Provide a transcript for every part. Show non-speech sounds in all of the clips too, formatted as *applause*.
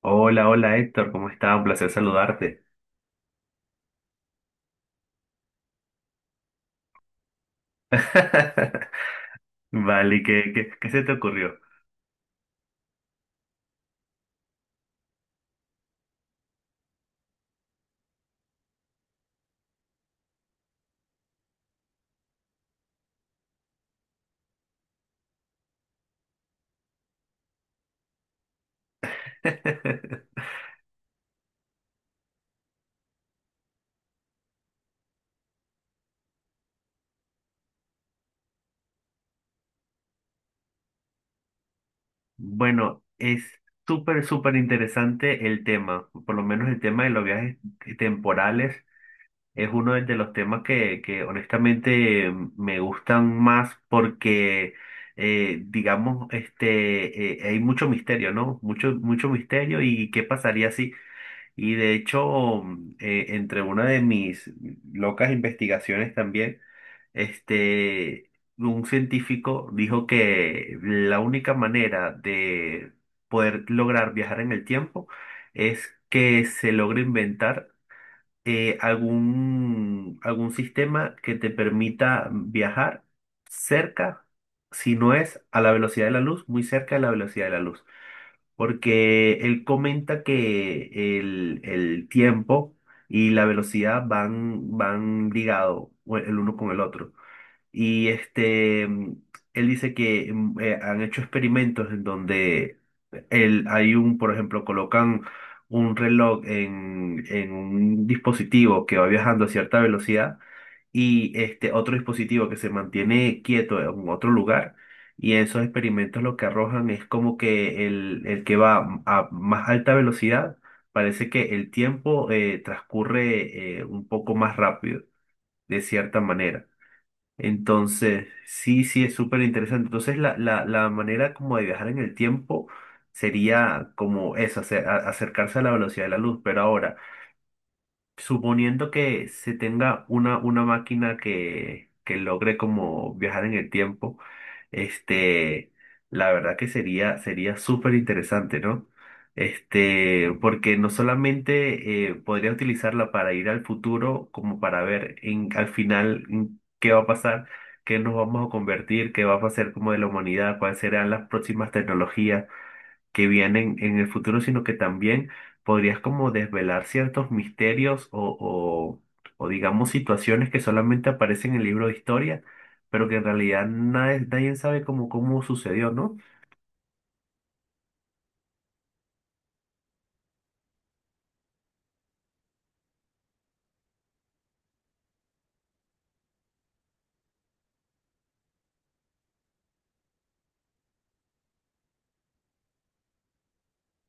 Hola, hola Héctor, ¿cómo estás? Un placer saludarte. *laughs* Vale, ¿qué se te ocurrió? *laughs* Bueno, es súper, súper interesante el tema. Por lo menos el tema de los viajes temporales es uno de los temas que honestamente me gustan más porque, digamos, hay mucho misterio, ¿no? Mucho, mucho misterio y qué pasaría si... Y de hecho, entre una de mis locas investigaciones también, este, un científico dijo que la única manera de poder lograr viajar en el tiempo es que se logre inventar algún sistema que te permita viajar cerca, si no es a la velocidad de la luz, muy cerca de la velocidad de la luz, porque él comenta que el tiempo y la velocidad van, van ligados el uno con el otro. Y él dice que han hecho experimentos en donde hay un, por ejemplo, colocan un reloj en un dispositivo que va viajando a cierta velocidad y este otro dispositivo que se mantiene quieto en otro lugar. Y en esos experimentos lo que arrojan es como que el que va a más alta velocidad, parece que el tiempo transcurre un poco más rápido, de cierta manera. Entonces, sí, sí, es súper interesante. Entonces, la manera como de viajar en el tiempo sería como eso, acercarse a la velocidad de la luz. Pero ahora, suponiendo que se tenga una máquina que logre como viajar en el tiempo, este, la verdad que sería, sería súper interesante, ¿no? Porque no solamente podría utilizarla para ir al futuro, como para ver en, al final en qué va a pasar, qué nos vamos a convertir, qué va a pasar como de la humanidad, cuáles serán las próximas tecnologías que vienen en el futuro, sino que también podrías como desvelar ciertos misterios o, o digamos situaciones que solamente aparecen en el libro de historia, pero que en realidad nadie, nadie sabe cómo, cómo sucedió, ¿no?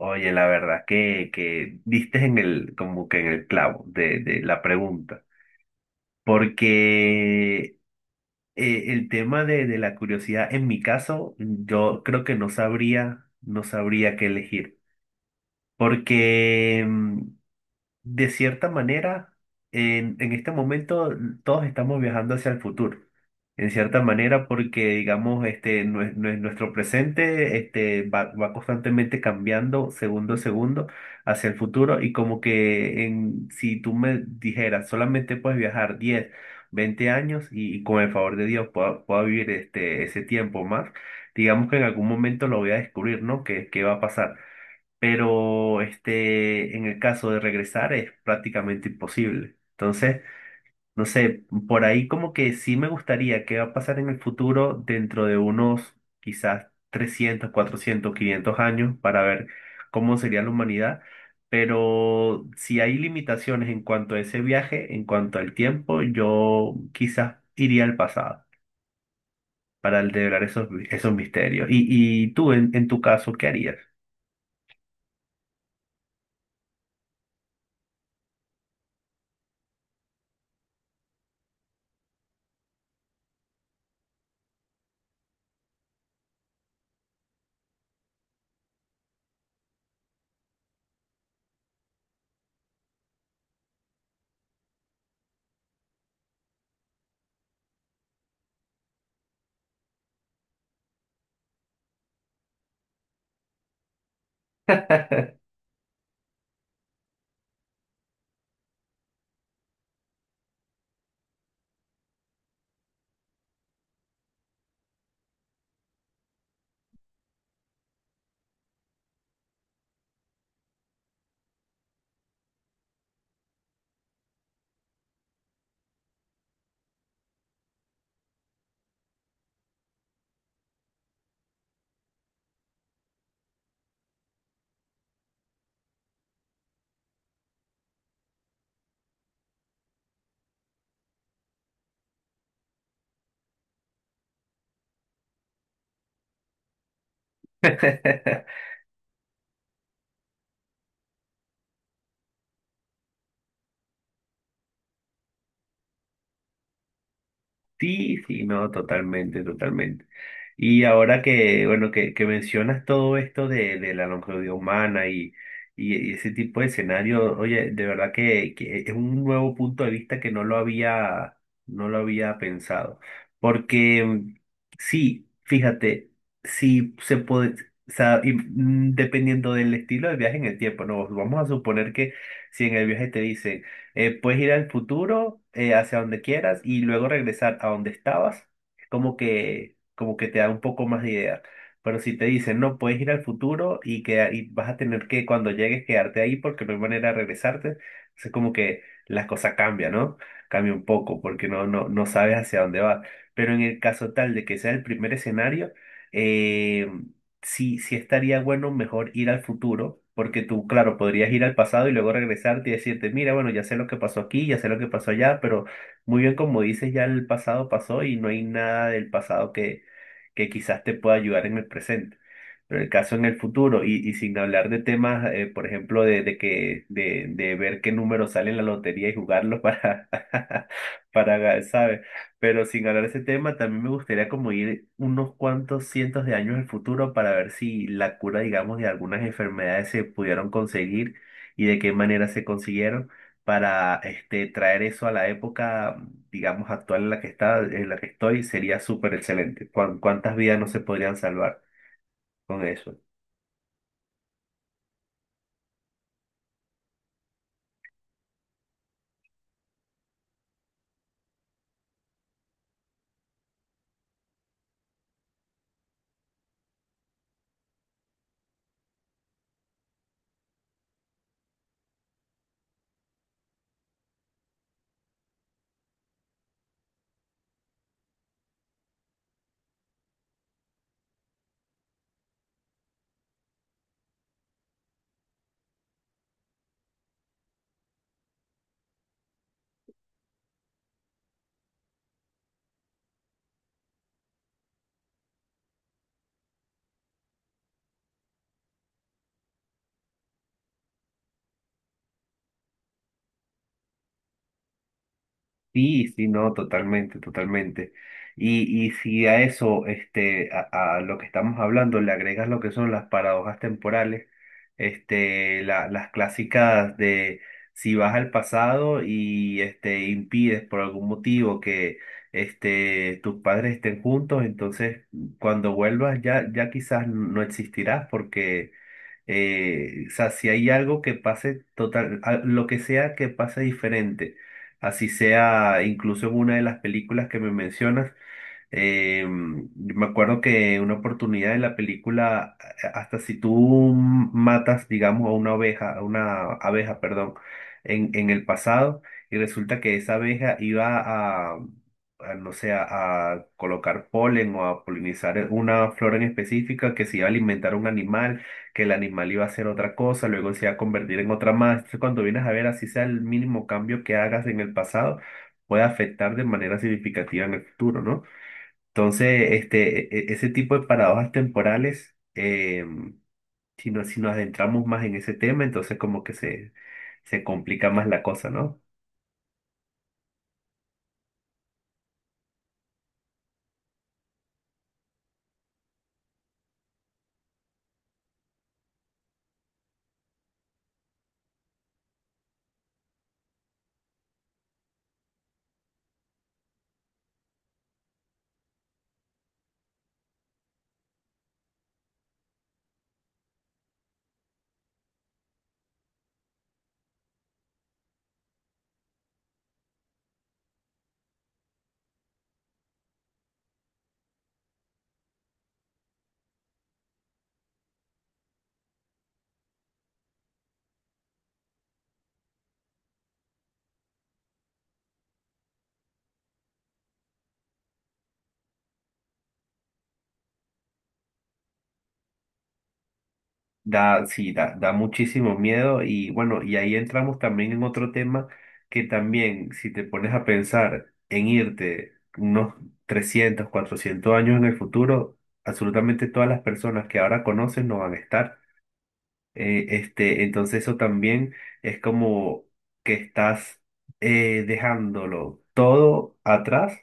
Oye, la verdad que diste en el, como que en el clavo de la pregunta, porque el tema de la curiosidad, en mi caso, yo creo que no sabría, no sabría qué elegir, porque de cierta manera, en este momento todos estamos viajando hacia el futuro. En cierta manera, porque digamos, nuestro presente, va, va constantemente cambiando segundo a segundo hacia el futuro, y como que en, si tú me dijeras, solamente puedes viajar 10 o 20 años y con el favor de Dios puedo, puedo vivir ese tiempo más, digamos que en algún momento lo voy a descubrir, ¿no? ¿Qué, qué va a pasar? Pero en el caso de regresar es prácticamente imposible. Entonces, no sé, por ahí como que sí me gustaría qué va a pasar en el futuro dentro de unos quizás 300, 400 o 500 años para ver cómo sería la humanidad. Pero si hay limitaciones en cuanto a ese viaje, en cuanto al tiempo, yo quizás iría al pasado para develar esos, esos misterios. Y tú, en tu caso, ¿qué harías? *laughs* Sí, sí, no, totalmente, totalmente. Y ahora que, bueno, que mencionas todo esto de la longevidad humana y, y ese tipo de escenario, oye, de verdad que es un nuevo punto de vista que no lo había, no lo había pensado. Porque sí, fíjate, sí se puede, o sea, y, dependiendo del estilo de viaje en el tiempo, no, vamos a suponer que si en el viaje te dicen puedes ir al futuro, hacia donde quieras y luego regresar a donde estabas, como que te da un poco más de idea. Pero si te dicen, no, puedes ir al futuro y, que, y vas a tener que cuando llegues quedarte ahí porque no hay manera de regresarte, es como que las cosas cambian, ¿no? Cambia un poco porque no, no, no sabes hacia dónde vas. Pero en el caso tal de que sea el primer escenario, eh, sí, sí estaría bueno mejor ir al futuro, porque tú, claro, podrías ir al pasado y luego regresarte y decirte, mira, bueno, ya sé lo que pasó aquí, ya sé lo que pasó allá, pero muy bien como dices, ya el pasado pasó y no hay nada del pasado que quizás te pueda ayudar en el presente. Pero el caso en el futuro, y sin hablar de temas, por ejemplo, de, de ver qué número sale en la lotería y jugarlo para, *laughs* para, ¿sabes? Pero sin hablar de ese tema, también me gustaría como ir unos cuantos cientos de años al futuro para ver si la cura, digamos, de algunas enfermedades se pudieron conseguir y de qué manera se consiguieron para traer eso a la época, digamos, actual en la que está, en la que estoy, sería súper excelente. Cuántas vidas no se podrían salvar con eso? Sí, sí, no, totalmente, totalmente. Y si a eso, a lo que estamos hablando, le agregas lo que son las paradojas temporales, las clásicas de si vas al pasado y impides por algún motivo que tus padres estén juntos, entonces cuando vuelvas ya, ya quizás no existirás, porque o sea, si hay algo que pase total, lo que sea que pase diferente, así sea incluso en una de las películas que me mencionas, eh, me acuerdo que una oportunidad de la película, hasta si tú matas, digamos, a una oveja, a una abeja, perdón, en el pasado, y resulta que esa abeja iba a, no sé, a colocar polen o a polinizar una flor en específica, que se iba a alimentar un animal, que el animal iba a hacer otra cosa, luego se iba a convertir en otra más. Entonces, cuando vienes a ver, así sea el mínimo cambio que hagas en el pasado, puede afectar de manera significativa en el futuro, ¿no? Entonces, ese tipo de paradojas temporales, si si nos adentramos más en ese tema, entonces como que se complica más la cosa, ¿no? Da, sí, da, da muchísimo miedo. Y bueno, y ahí entramos también en otro tema que también, si te pones a pensar en irte unos 300 o 400 años en el futuro, absolutamente todas las personas que ahora conoces no van a estar. Entonces eso también es como que estás dejándolo todo atrás,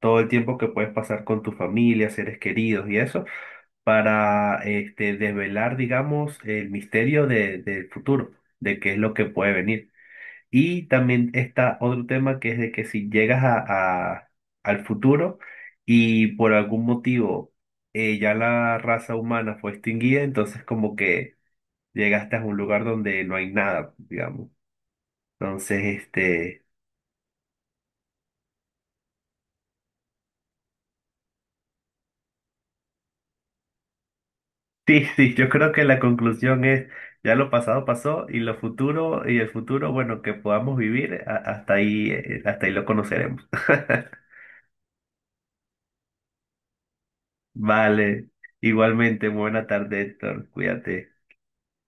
todo el tiempo que puedes pasar con tu familia, seres queridos y eso, para desvelar, digamos, el misterio del futuro, de qué es lo que puede venir. Y también está otro tema que es de que si llegas a, a- al futuro y por algún motivo ya la raza humana fue extinguida, entonces como que llegaste a un lugar donde no hay nada, digamos. Entonces, sí, *laughs* sí, yo creo que la conclusión es, ya lo pasado pasó y el futuro, bueno, que podamos vivir, hasta ahí lo conoceremos. *laughs* Vale, igualmente, buena tarde, Héctor, cuídate.